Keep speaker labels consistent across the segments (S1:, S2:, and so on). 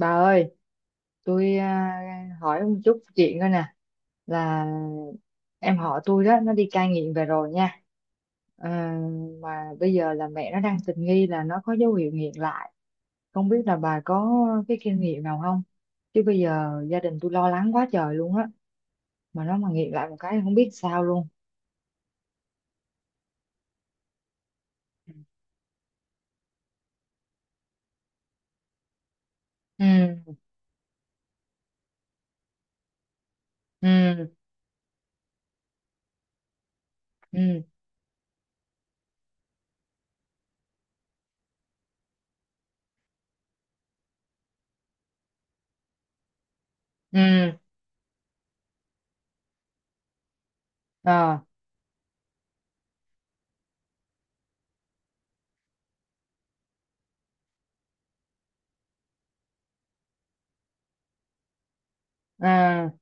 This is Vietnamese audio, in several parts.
S1: Bà ơi, hỏi một chút chuyện coi nè, là em họ tôi đó, nó đi cai nghiện về rồi nha. Ờ, mà bây giờ là mẹ nó đang tình nghi là nó có dấu hiệu nghiện lại, không biết là bà có cái kinh nghiệm nào không, chứ bây giờ gia đình tôi lo lắng quá trời luôn á, mà nó mà nghiện lại một cái không biết sao luôn. ừ ừ ừ ừ ờ à,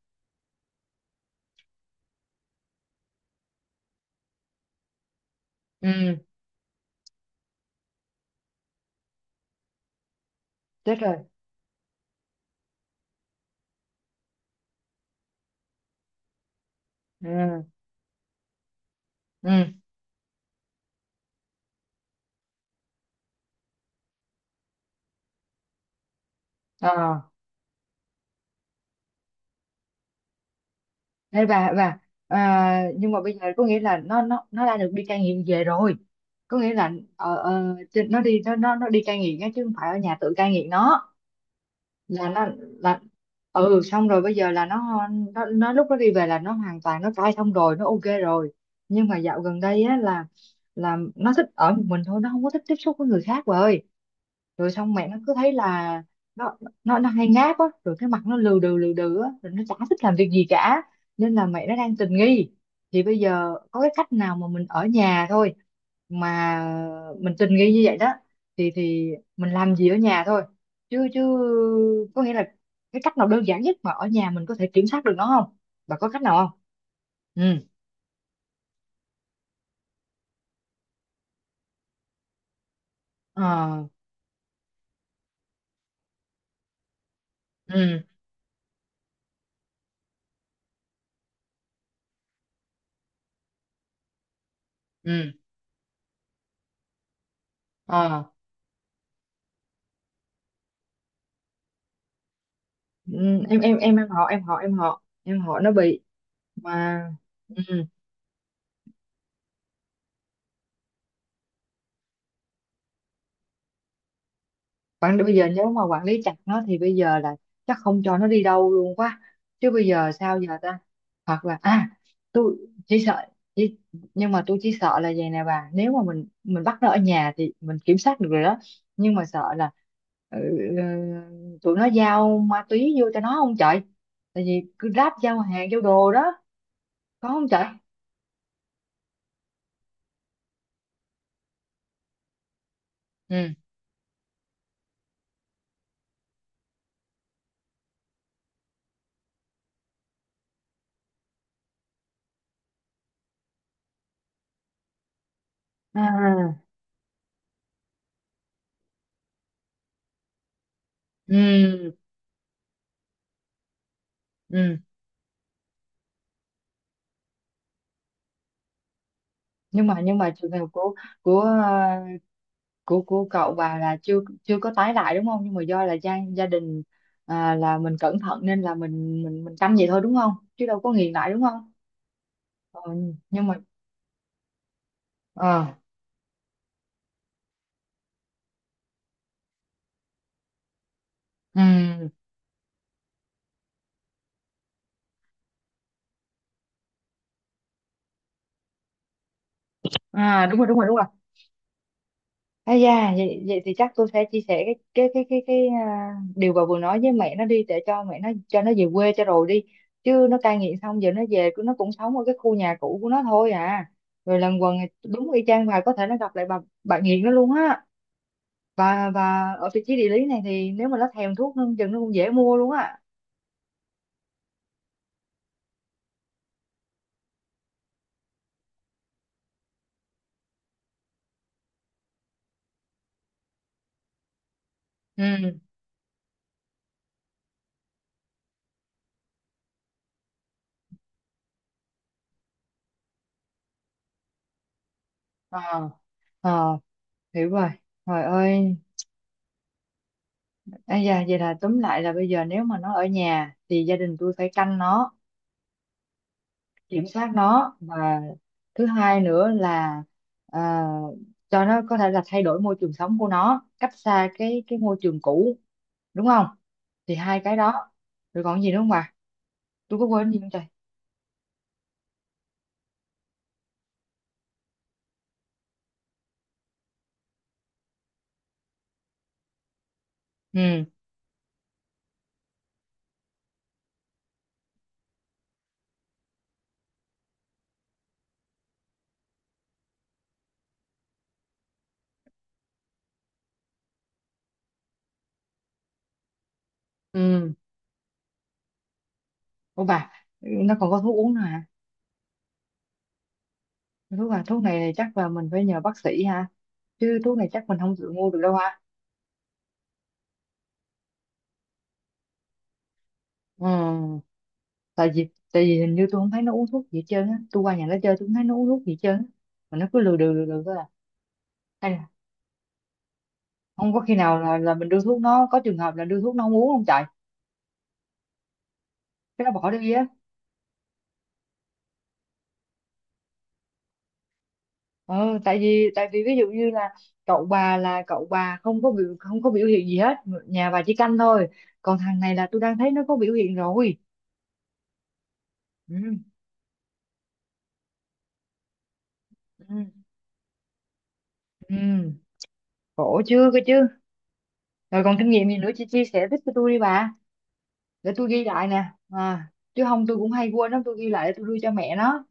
S1: ừ Chết rồi. ừ ừ ờ Đấy, và nhưng mà bây giờ có nghĩa là nó đã được đi cai nghiện về rồi, có nghĩa là nó đi nó đi cai nghiện á chứ không phải ở nhà tự cai nghiện nó, là nó là ừ, xong rồi bây giờ là nó lúc nó đi về là nó hoàn toàn nó cai xong rồi, nó ok rồi. Nhưng mà dạo gần đây á là nó thích ở một mình thôi, nó không có thích tiếp xúc với người khác rồi. Rồi xong mẹ nó cứ thấy là nó nó hay ngáp á, rồi cái mặt nó lừ đừ á, rồi nó chả thích làm việc gì cả, nên là mẹ nó đang tình nghi. Thì bây giờ có cái cách nào mà mình ở nhà thôi, mà mình tình nghi như vậy đó, thì mình làm gì ở nhà thôi, chứ chứ có nghĩa là cái cách nào đơn giản nhất mà ở nhà mình có thể kiểm soát được nó không, bà có cách nào không? ừ ờ ừ ừ ờ ừ. Em họ em họ em họ Em họ nó bị, mà ừ. Bây giờ nếu mà quản lý chặt nó thì bây giờ là chắc không cho nó đi đâu luôn quá, chứ bây giờ sao giờ ta, hoặc là tôi chỉ sợ, chỉ, nhưng mà tôi chỉ sợ là vậy nè bà, nếu mà mình bắt nó ở nhà thì mình kiểm soát được rồi đó, nhưng mà sợ là ừ, ừ, tụi nó giao ma túy vô cho nó không trời, tại vì cứ ráp giao hàng giao đồ đó có không trời? ừ à ừ ừ nhưng mà trường hợp của của ờ, của cậu bà là chưa chưa có tái lại đúng không, nhưng mà do là gia gia đình à, là mình cẩn thận nên là mình canh vậy thôi đúng không, chứ đâu có nghiền lại đúng không? ừ, nhưng mà ờ ừ. à, đúng rồi, đúng rồi, đúng rồi. À da, vậy, vậy thì chắc tôi sẽ chia sẻ cái điều bà vừa nói với mẹ nó đi, để cho mẹ nó cho nó về quê cho rồi đi, chứ nó cai nghiện xong giờ nó về nó cũng sống ở cái khu nhà cũ của nó thôi à, rồi lần quần đúng y chang, bà có thể nó gặp lại bà nghiện nó luôn á. Và ở vị trí địa lý này thì nếu mà nó thèm thuốc nó chừng nó cũng dễ mua luôn á. ừ ờ ờ Hiểu rồi. Trời ơi! À da, vậy là tóm lại là bây giờ nếu mà nó ở nhà thì gia đình tôi phải canh nó, kiểm soát nó, và thứ hai nữa là à, cho nó có thể là thay đổi môi trường sống của nó, cách xa cái môi trường cũ đúng không, thì hai cái đó. Rồi còn gì nữa không bà, tôi có quên gì không trời? ừ ừ Ô bà, nó còn có thuốc uống nữa hả? Thuốc à, thuốc này chắc là mình phải nhờ bác sĩ ha, chứ thuốc này chắc mình không tự mua được đâu ha? ừ Tại vì hình như tôi không thấy nó uống thuốc gì hết trơn á, tôi qua nhà nó chơi tôi không thấy nó uống thuốc gì hết trơn á, mà nó cứ lừa đừ thôi. À, không có khi nào là mình đưa thuốc nó có trường hợp là đưa thuốc nó không uống không trời, cái nó bỏ đi á. Ờ, Tại vì ví dụ như là cậu bà không có biểu không có biểu hiện gì hết, nhà bà chỉ canh thôi, còn thằng này là tôi đang thấy nó có biểu hiện rồi. ừ, Ừ. Ừ, khổ chưa cơ chứ. Rồi còn kinh nghiệm gì nữa chị chia sẻ tiếp cho tôi đi bà, để tôi ghi lại nè, à, chứ không tôi cũng hay quên lắm, tôi ghi lại để tôi đưa cho mẹ nó.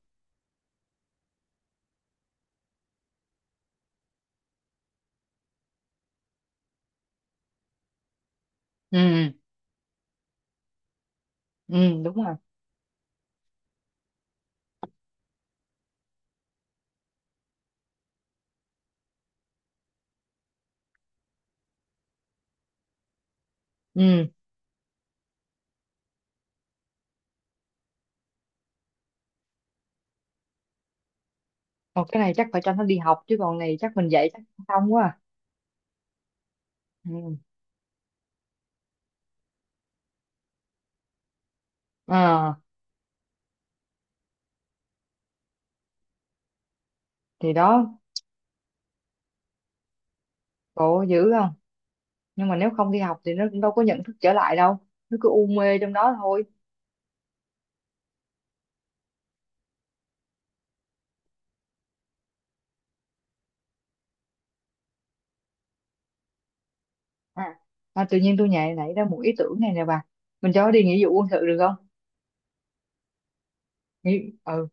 S1: ừ ừ Đúng rồi. ừ Còn cái này chắc phải cho nó đi học, chứ còn này chắc mình dạy chắc không quá à. ừ à, thì đó, khổ dữ không. Nhưng mà nếu không đi học thì nó cũng đâu có nhận thức trở lại đâu, nó cứ u mê trong đó thôi. à, À, tự nhiên tôi nảy ra một ý tưởng này nè bà, mình cho nó đi nghĩa vụ quân sự được không? Ừ,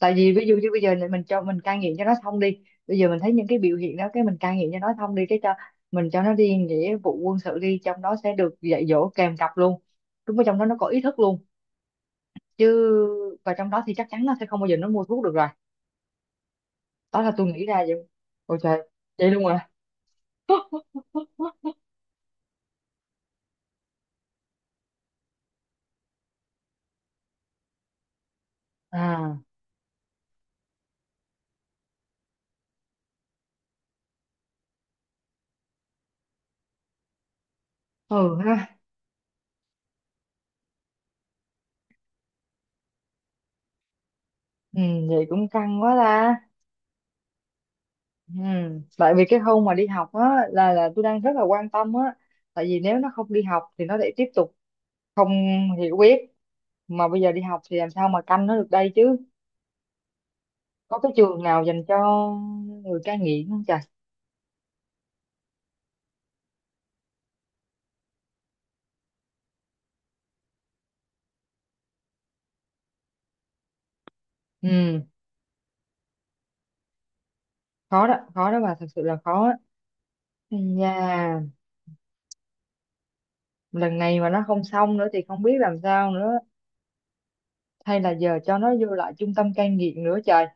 S1: tại vì ví dụ như bây giờ này mình cho mình cai nghiện cho nó xong đi, bây giờ mình thấy những cái biểu hiện đó, cái mình cai nghiện cho nó xong đi, cái cho mình cho nó đi nghĩa vụ quân sự đi, trong đó sẽ được dạy dỗ kèm cặp luôn, đúng ở trong đó nó có ý thức luôn chứ. Và trong đó thì chắc chắn nó sẽ không bao giờ nó mua thuốc được rồi, đó là tôi nghĩ ra vậy. Ôi trời, vậy luôn. À ừ ha Ừ, vậy cũng căng quá ta. Ừ. Tại vì cái khâu mà đi học á là tôi đang rất là quan tâm á, tại vì nếu nó không đi học thì nó lại tiếp tục không hiểu biết, mà bây giờ đi học thì làm sao mà canh nó được đây chứ, có cái trường nào dành cho người cai nghiện không trời? ừ Khó đó, khó đó bà, thật sự là khó á. Nhà, lần này mà nó không xong nữa thì không biết làm sao nữa, hay là giờ cho nó vô lại trung tâm cai nghiện nữa trời.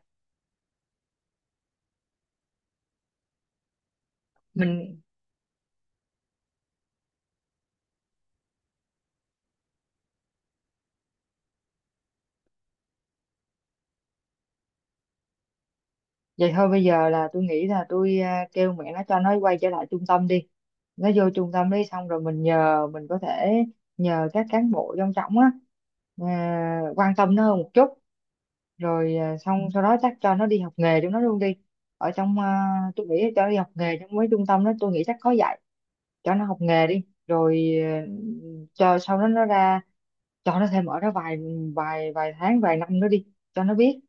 S1: mình Vậy thôi bây giờ là tôi nghĩ là kêu mẹ nó cho nó quay trở lại trung tâm đi. Nó vô trung tâm đi xong rồi mình nhờ, mình có thể nhờ các cán bộ trong trọng á quan tâm nó hơn một chút, rồi xong sau đó chắc cho nó đi học nghề chúng nó luôn đi. Ở trong tôi nghĩ cho nó đi học nghề trong mấy trung tâm đó, tôi nghĩ chắc có dạy cho nó học nghề đi, rồi cho sau đó nó ra, cho nó thêm ở đó vài vài vài tháng vài năm nữa đi cho nó biết,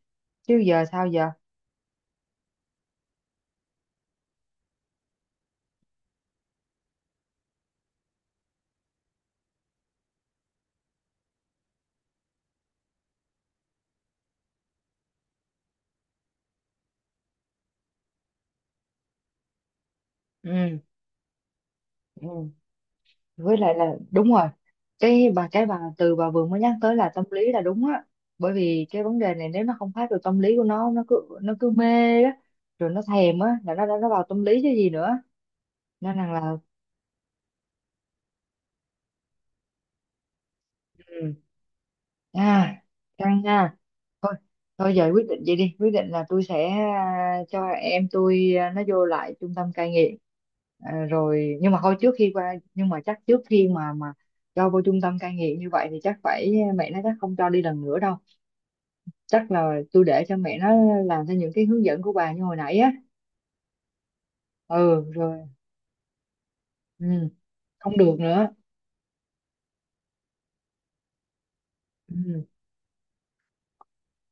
S1: chứ giờ sao giờ. ừ ừ với lại là đúng rồi, cái bà từ bà vừa mới nhắc tới là tâm lý là đúng á, bởi vì cái vấn đề này nếu nó không phát được tâm lý của nó, nó cứ mê á, rồi nó thèm á là nó đã nó vào tâm lý chứ gì nữa, nên rằng là ừ, à căng nha. Thôi, thôi giờ quyết định vậy đi, quyết định là tôi sẽ cho em tôi nó vô lại trung tâm cai nghiện. À rồi, nhưng mà thôi trước khi qua, nhưng mà chắc trước khi mà cho vô trung tâm cai nghiện như vậy thì chắc phải, mẹ nó chắc không cho đi lần nữa đâu, chắc là tôi để cho mẹ nó làm theo những cái hướng dẫn của bà như hồi nãy á. Ừ rồi Ừ, không được nữa. ừ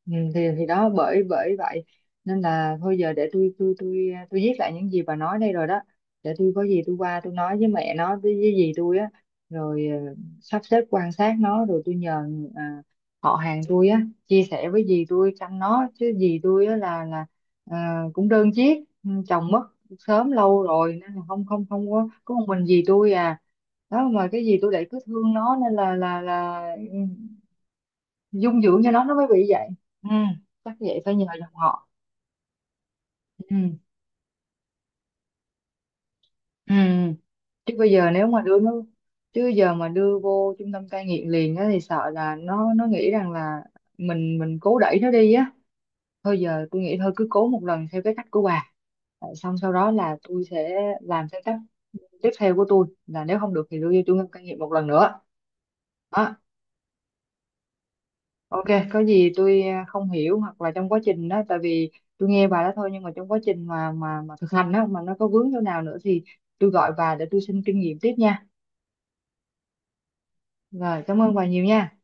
S1: Ừ, thì đó bởi bởi vậy nên là thôi giờ để tôi viết lại những gì bà nói đây rồi đó, để tôi có gì tôi qua tôi nói với mẹ nó với dì tôi á, rồi sắp xếp quan sát nó, rồi tôi nhờ à, họ hàng tôi á chia sẻ với dì tôi chăm nó, chứ dì tôi á là ờ, cũng đơn chiếc, ừ, chồng mất sớm lâu rồi nên là không không không có có một mình dì tôi à. Đó, mà cái gì tôi lại cứ thương nó nên là là ừ, dung dưỡng cho nó mới bị vậy. Ừ, chắc vậy phải nhờ dòng họ. Ừ. Ừ, chứ bây giờ nếu mà đưa nó, chứ giờ mà đưa vô trung tâm cai nghiện liền á thì sợ là nó nghĩ rằng là mình cố đẩy nó đi á. Thôi giờ tôi nghĩ thôi cứ cố một lần theo cái cách của bà, rồi xong sau đó là tôi sẽ làm theo cách tiếp theo của tôi, là nếu không được thì đưa vô trung tâm cai nghiện một lần nữa. Đó. Ok, có gì tôi không hiểu hoặc là trong quá trình đó, tại vì tôi nghe bà đó thôi, nhưng mà trong quá trình mà thực hành đó mà nó có vướng chỗ nào nữa thì tôi gọi bà để tôi xin kinh nghiệm tiếp nha. Rồi, cảm ơn bà nhiều nha.